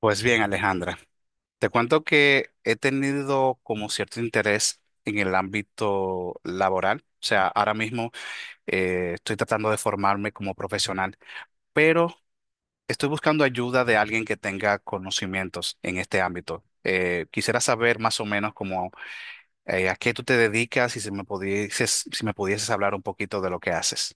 Pues bien, Alejandra, te cuento que he tenido como cierto interés en el ámbito laboral. O sea, ahora mismo estoy tratando de formarme como profesional, pero estoy buscando ayuda de alguien que tenga conocimientos en este ámbito. Quisiera saber más o menos como a qué tú te dedicas y si me pudieses hablar un poquito de lo que haces.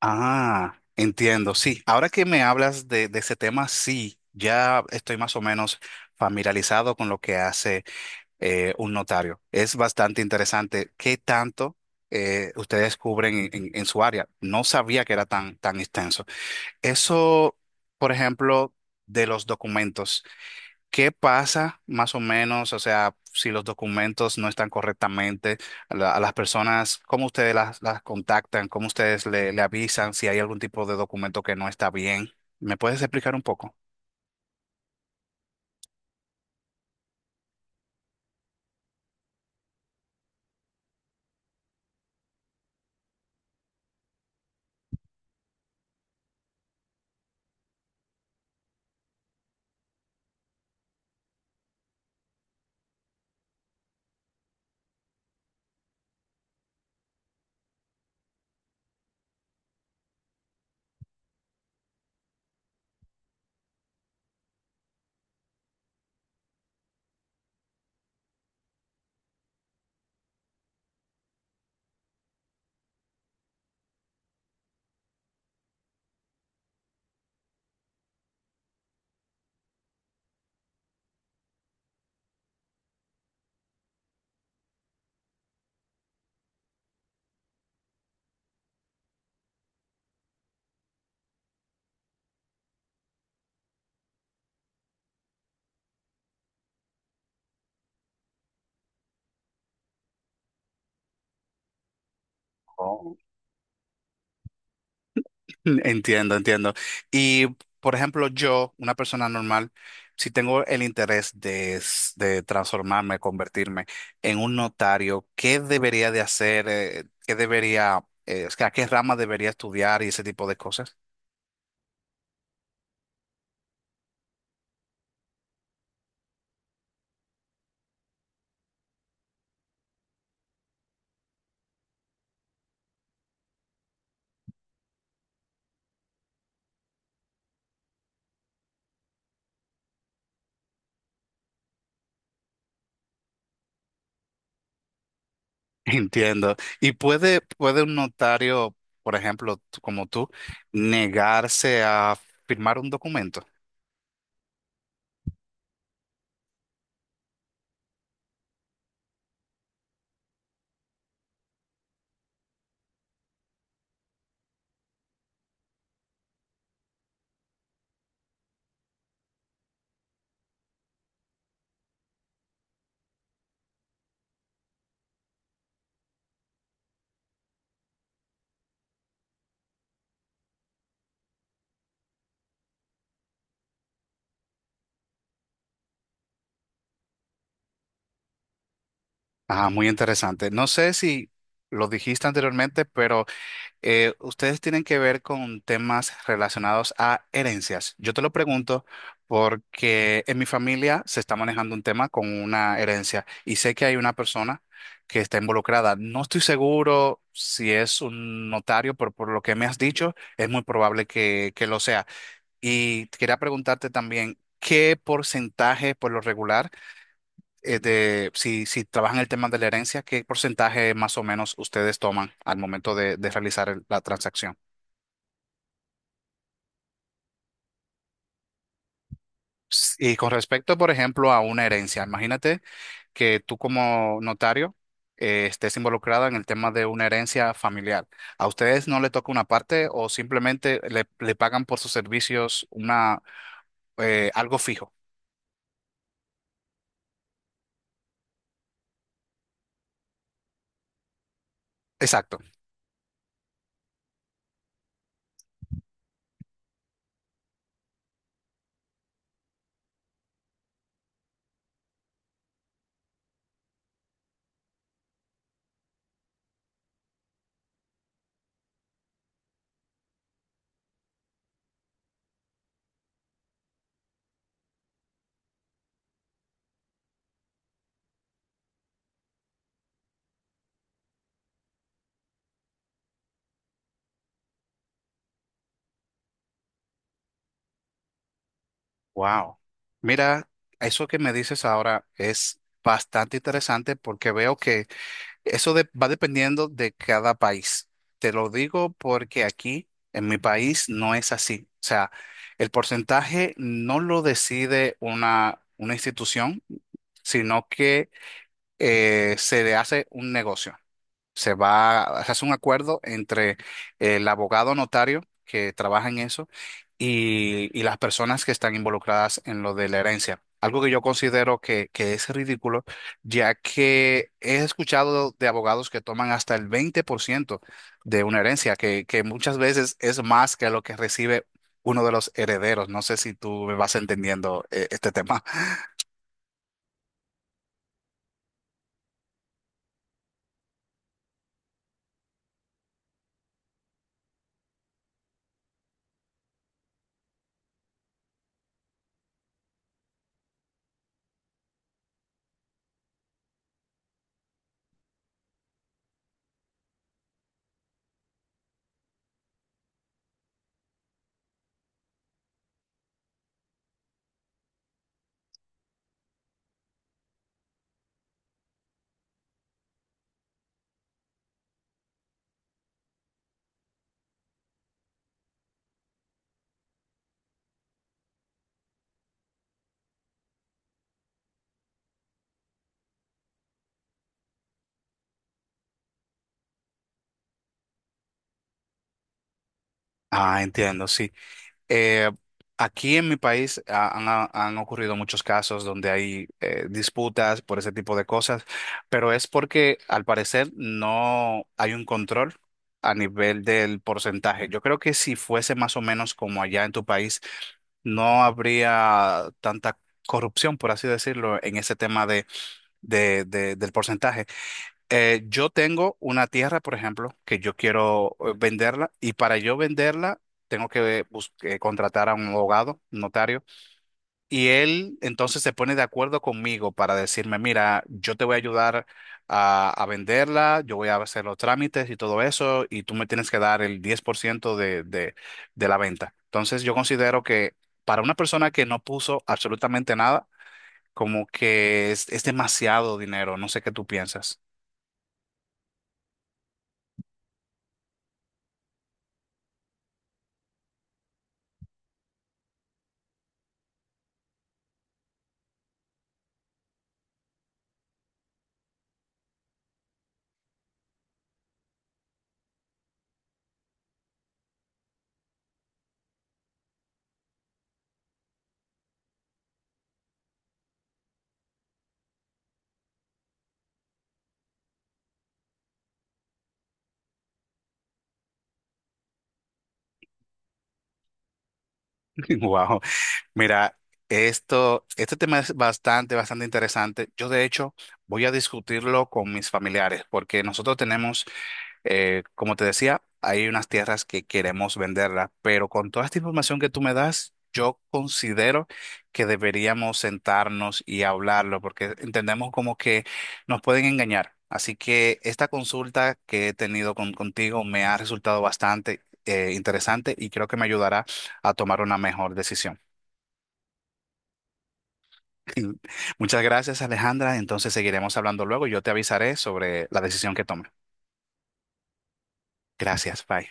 Ah, entiendo, sí. Ahora que me hablas de ese tema, sí, ya estoy más o menos familiarizado con lo que hace un notario. Es bastante interesante qué tanto ustedes cubren en su área. No sabía que era tan, tan extenso. Eso, por ejemplo, de los documentos. ¿Qué pasa más o menos? O sea, si los documentos no están correctamente, a las personas, ¿cómo ustedes las contactan? ¿Cómo ustedes le avisan si hay algún tipo de documento que no está bien? ¿Me puedes explicar un poco? Oh. Entiendo, entiendo. Y, por ejemplo, yo, una persona normal, si tengo el interés de transformarme, convertirme en un notario, ¿qué debería de hacer? ¿Qué debería, o sea, ¿qué rama debería estudiar y ese tipo de cosas? Entiendo. ¿Y puede un notario, por ejemplo, como tú, negarse a firmar un documento? Ah, muy interesante. No sé si lo dijiste anteriormente, pero ustedes tienen que ver con temas relacionados a herencias. Yo te lo pregunto porque en mi familia se está manejando un tema con una herencia y sé que hay una persona que está involucrada. No estoy seguro si es un notario, pero por lo que me has dicho, es muy probable que lo sea. Y quería preguntarte también, ¿qué porcentaje por lo regular, de, si, si trabajan el tema de la herencia, qué porcentaje más o menos ustedes toman al momento de realizar la transacción? Y con respecto, por ejemplo, a una herencia, imagínate que tú como notario estés involucrada en el tema de una herencia familiar. ¿A ustedes no le toca una parte o simplemente le pagan por sus servicios una, algo fijo? Exacto. Wow. Mira, eso que me dices ahora es bastante interesante porque veo que eso va dependiendo de cada país. Te lo digo porque aquí, en mi país, no es así. O sea, el porcentaje no lo decide una institución, sino que se le hace un negocio, se va, se hace un acuerdo entre el abogado notario que trabaja en eso y las personas que están involucradas en lo de la herencia. Algo que yo considero que es ridículo, ya que he escuchado de abogados que toman hasta el 20% de una herencia, que muchas veces es más que lo que recibe uno de los herederos. No sé si tú me vas entendiendo este tema. Ah, entiendo, sí. Eh, aquí en mi país han ocurrido muchos casos donde hay disputas por ese tipo de cosas, pero es porque al parecer no hay un control a nivel del porcentaje. Yo creo que si fuese más o menos como allá en tu país, no habría tanta corrupción, por así decirlo, en ese tema del porcentaje. Yo tengo una tierra, por ejemplo, que yo quiero venderla y para yo venderla tengo que contratar a un abogado, un notario, y él entonces se pone de acuerdo conmigo para decirme, mira, yo te voy a ayudar a venderla, yo voy a hacer los trámites y todo eso, y tú me tienes que dar el 10% de la venta. Entonces yo considero que para una persona que no puso absolutamente nada, como que es demasiado dinero, no sé qué tú piensas. Wow. Mira, esto, este tema es bastante, bastante interesante. Yo, de hecho, voy a discutirlo con mis familiares, porque nosotros tenemos, como te decía, hay unas tierras que queremos venderlas, pero con toda esta información que tú me das, yo considero que deberíamos sentarnos y hablarlo, porque entendemos como que nos pueden engañar. Así que esta consulta que he tenido contigo me ha resultado bastante, interesante y creo que me ayudará a tomar una mejor decisión. Muchas gracias, Alejandra. Entonces seguiremos hablando luego. Yo te avisaré sobre la decisión que tome. Gracias, bye.